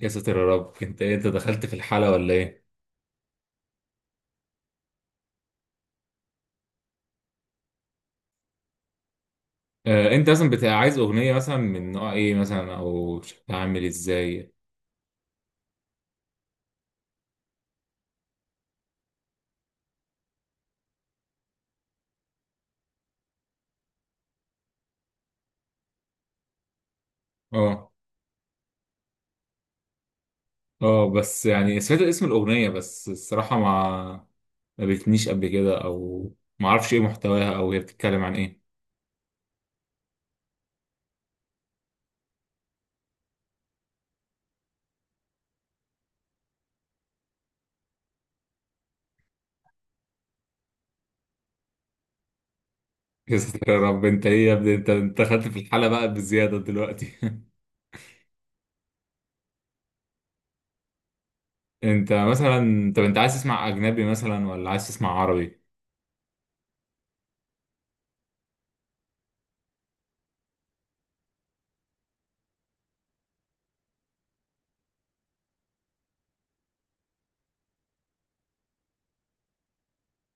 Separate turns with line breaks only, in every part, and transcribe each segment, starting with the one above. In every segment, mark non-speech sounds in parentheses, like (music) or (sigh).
يا ساتر يا رب، انت إيه؟ انت دخلت في الحالة ولا ايه؟ آه، انت مثلا بتبقى عايز اغنية مثلا من نوع ايه مثلا، او شكلها عامل ازاي؟ اه، اه، بس يعني سمعت اسم الاغنية، بس الصراحة ما بتنيش قبل كده، او ما اعرفش ايه محتواها او هي بتتكلم عن ايه. يا ساتر يا رب، انت ايه يا ابني؟ انت دخلت في الحالة بقى بزيادة دلوقتي. (laughs) انت مثلا، طب انت عايز تسمع اجنبي مثلا ولا عايز تسمع عربي؟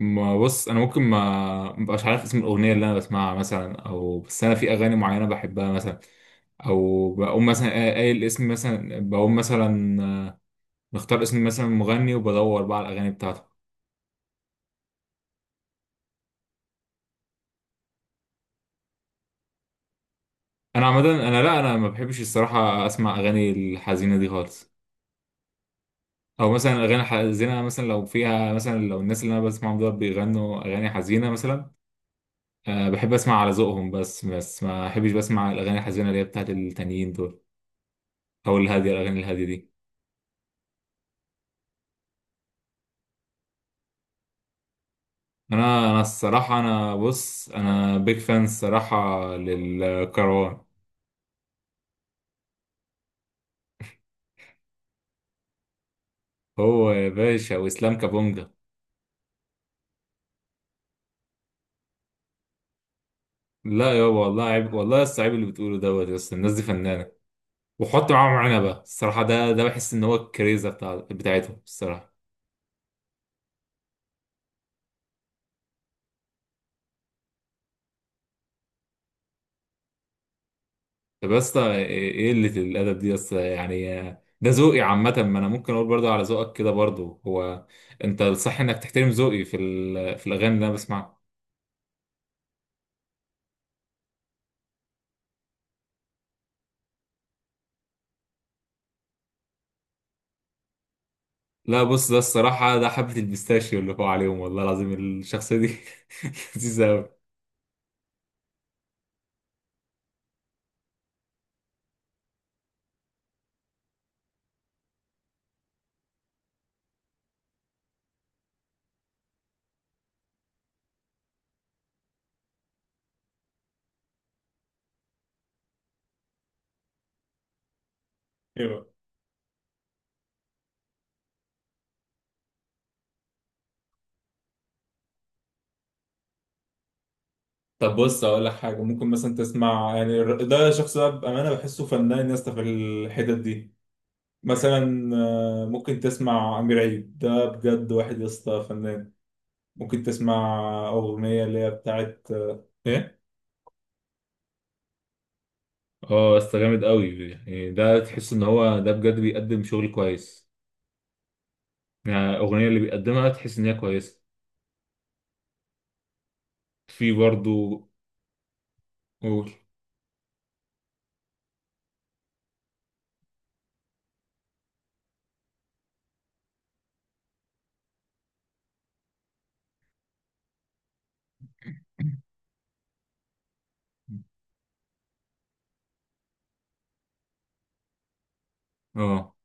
ما بص، انا ممكن ما مبقاش عارف اسم الاغنيه اللي انا بسمعها مثلا، او بس انا في اغاني معينه بحبها مثلا، او بقوم مثلا قايل اسم مثلا، بقوم مثلا مختار اسم مثلا مغني وبدور بقى على الاغاني بتاعته. انا عامه، انا لا، انا ما بحبش الصراحه اسمع اغاني الحزينه دي خالص، او مثلا الاغاني الحزينه، مثلا لو فيها مثلا، لو الناس اللي انا بسمعهم دول بيغنوا اغاني حزينه مثلا، أه بحب اسمع على ذوقهم، بس ما بحبش بسمع الاغاني الحزينه اللي هي بتاعت التانيين دول، او الهاديه، الاغاني الهاديه دي. انا الصراحه، انا بص، انا بيج فان الصراحه للكروان. هو يا باشا واسلام كابونجا. لا يابا، والله عيب، والله لسه عيب اللي بتقوله دوت، يا اسطى الناس دي فنانه، وحط معاهم عنبه الصراحه، ده بحس ان هو الكريزه بتاعتهم الصراحه. طب يا اسطى، ايه إيه قله الادب دي يا اسطى يعني؟ ده ذوقي عامه، ما انا ممكن اقول برضه على ذوقك كده برضه هو. انت الصح انك تحترم ذوقي في الاغاني اللي انا بسمعها. لا بص، ده الصراحة ده حبة البيستاشيو اللي فوق عليهم، والله العظيم، الشخصية دي. (laughs) لذيذة أوي. ايوه، طب بص اقول لك حاجه، ممكن مثلا تسمع يعني ده شخص، ده بامانه بحسه فنان يا اسطى في الحتت دي. مثلا ممكن تسمع امير عيد، ده بجد واحد يا اسطى فنان. ممكن تسمع اغنيه اللي هي بتاعت ايه، اه بس جامد أوي يعني، ده تحس إن هو ده بجد بيقدم شغل كويس، يعني الأغنية اللي بيقدمها تحس إن هي كويسة. في برضو. قول. اه،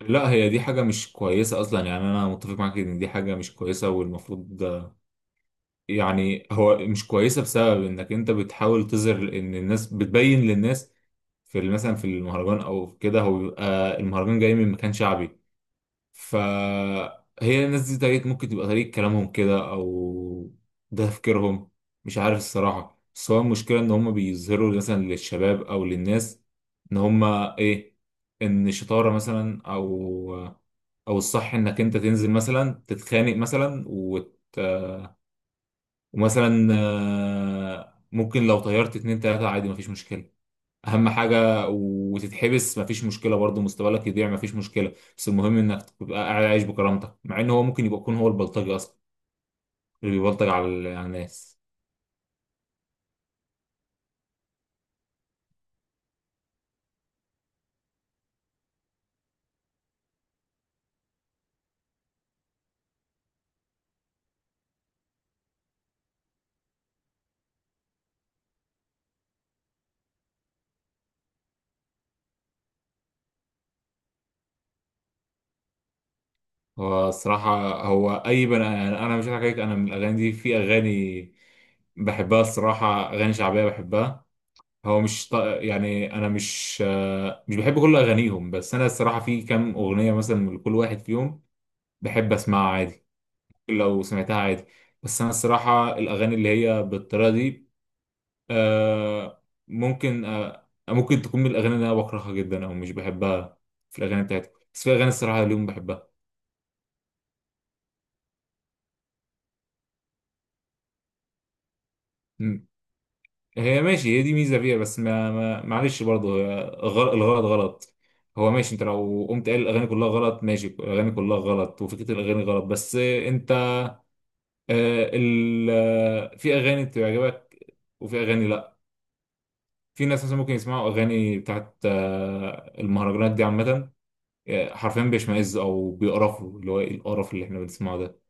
لا، هي دي حاجة مش كويسة أصلا يعني، أنا متفق معاك إن دي حاجة مش كويسة، والمفروض يعني هو مش كويسة بسبب إنك أنت بتحاول تظهر إن الناس بتبين للناس مثلا في المهرجان أو في كده، هو بيبقى المهرجان جاي من مكان شعبي، فهي الناس دي طريقة، ممكن تبقى طريقة كلامهم كده، أو ده تفكيرهم. مش عارف الصراحة، بس هو المشكلة إن هما بيظهروا مثلا للشباب أو للناس إن هما إيه، إن الشطارة مثلا، أو أو الصح إنك أنت تنزل مثلا تتخانق مثلا ومثلا ممكن لو طيرت اتنين تلاتة عادي مفيش مشكلة، اهم حاجه، وتتحبس مفيش مشكله برضه، مستقبلك يضيع مفيش مشكله، بس المهم انك تبقى قاعد عايش بكرامتك، مع ان هو ممكن يبقى يكون هو البلطجي اصلا اللي بيبلطج على الناس. هو الصراحه، هو اي بني، انا مش هضحك عليك، انا من الاغاني دي في اغاني بحبها الصراحه، اغاني شعبيه بحبها. هو مش ط... يعني انا مش بحب كل اغانيهم، بس انا الصراحه في كام اغنيه مثلا من كل واحد فيهم بحب اسمعها عادي، لو سمعتها عادي. بس انا الصراحه الاغاني اللي هي بالطريقه دي، آه آه ممكن تكون من الأغاني اللي أنا بكرهها جدا أو مش بحبها في الأغاني بتاعتي، بس في أغاني الصراحة اليوم بحبها. مم. هي ماشي، هي دي ميزة فيها، بس ما معلش، برضه هي الغلط غلط. هو ماشي، أنت لو قمت قايل الأغاني كلها غلط، ماشي، الأغاني كلها غلط، وفكرة الأغاني غلط، بس أنت آه ال آه، في أغاني بتعجبك وفي أغاني لأ. في ناس مثلا ممكن يسمعوا أغاني بتاعت المهرجانات دي عامة، حرفيا بيشمئز او بيقرفوا، اللي هو ايه القرف اللي احنا بنسمعه ده،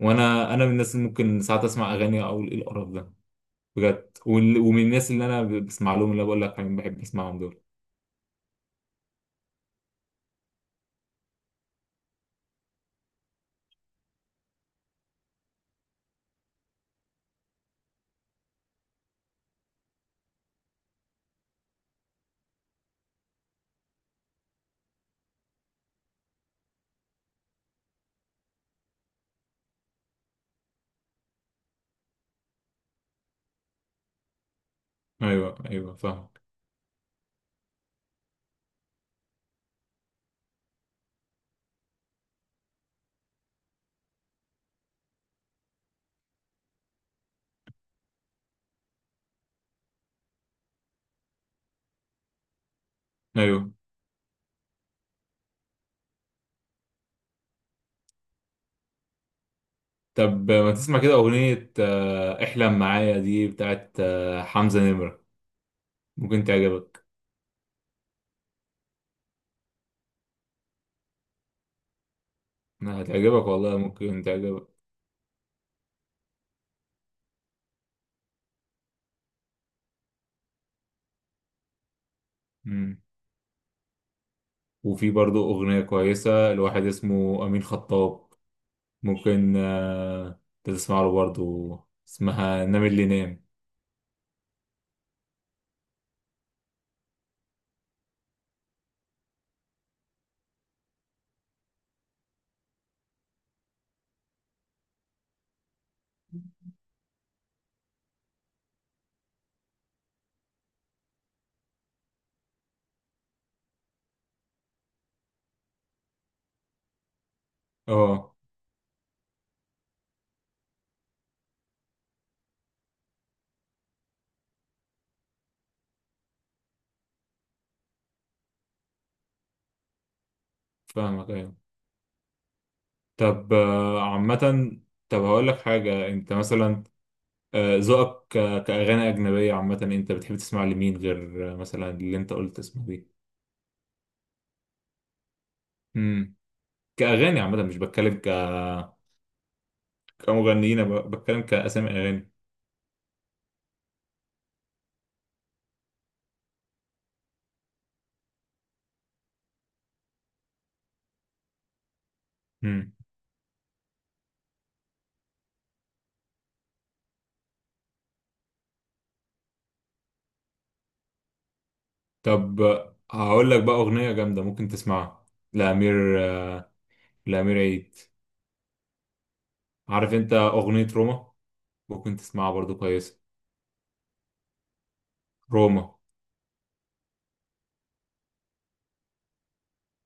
وانا من الناس اللي ممكن ساعات اسمع اغاني اقول ايه القرف ده بجد، ومن الناس اللي انا بسمع لهم اللي أنا بقول لك عليهم، بحب اسمعهم دول. ايوه، ايوه، فاهم. ايوه، طب ما تسمع كده اغنيه احلم معايا دي بتاعت حمزه نمره، ممكن تعجبك، هتعجبك والله، ممكن تعجبك. مم. وفي برضو اغنيه كويسه لواحد اسمه امين خطاب، ممكن تسمع له برضه، اسمها نام اللي نام. اه فاهمك، ايوه. طب عامة، طب هقول لك حاجة، انت مثلا ذوقك كأغاني أجنبية عامة، انت بتحب تسمع لمين غير مثلا اللي انت قلت اسمه دي؟ امم. كأغاني عامة، مش بتكلم كمغنيين، أنا بتكلم كأسامي أغاني. امم. طب هقول لك بقى أغنية جامدة ممكن تسمعها لأمير، لأمير عيد. عارف انت أغنية روما؟ ممكن تسمعها برضو كويس، روما.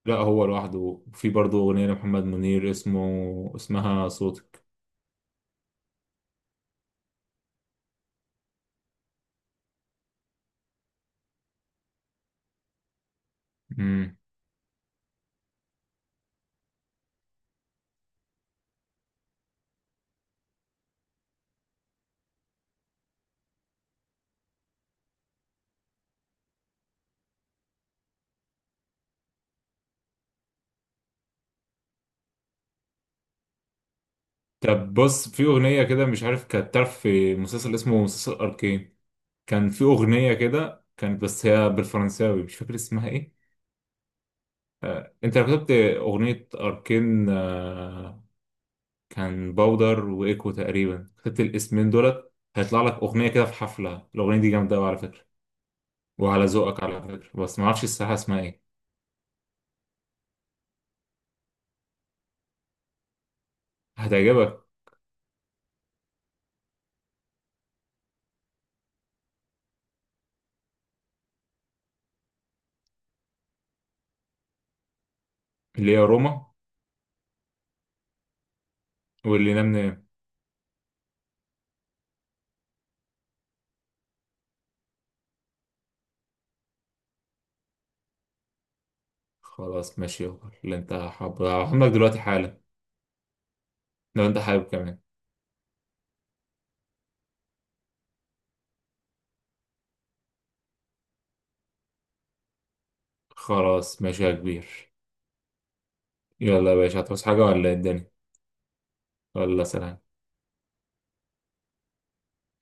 لا هو لوحده. وفي برضو أغنية لمحمد منير اسمها صوتك. مم. طب بص في أغنية كده مش عارف، كانت تعرف في مسلسل اسمه مسلسل أركين، كان في أغنية كده كانت، بس هي بالفرنساوي، مش فاكر اسمها ايه. انت لو كتبت أغنية أركين، كان باودر وإيكو تقريبا، كتبت الاسمين دولت هيطلع لك أغنية كده في حفلة. الأغنية دي جامدة أوي على فكرة، وعلى ذوقك على فكرة، بس معرفش الساحة اسمها ايه. هتعجبك، اللي هي روما واللي نام نام. خلاص ماشي، يلا اللي انت حابب هبعتهم لك دلوقتي حالا، لو انت حابب كمان. خلاص ماشي يا كبير. يلا يا باشا، هتعوز حاجة ولا ايه الدنيا؟ ولا سلام.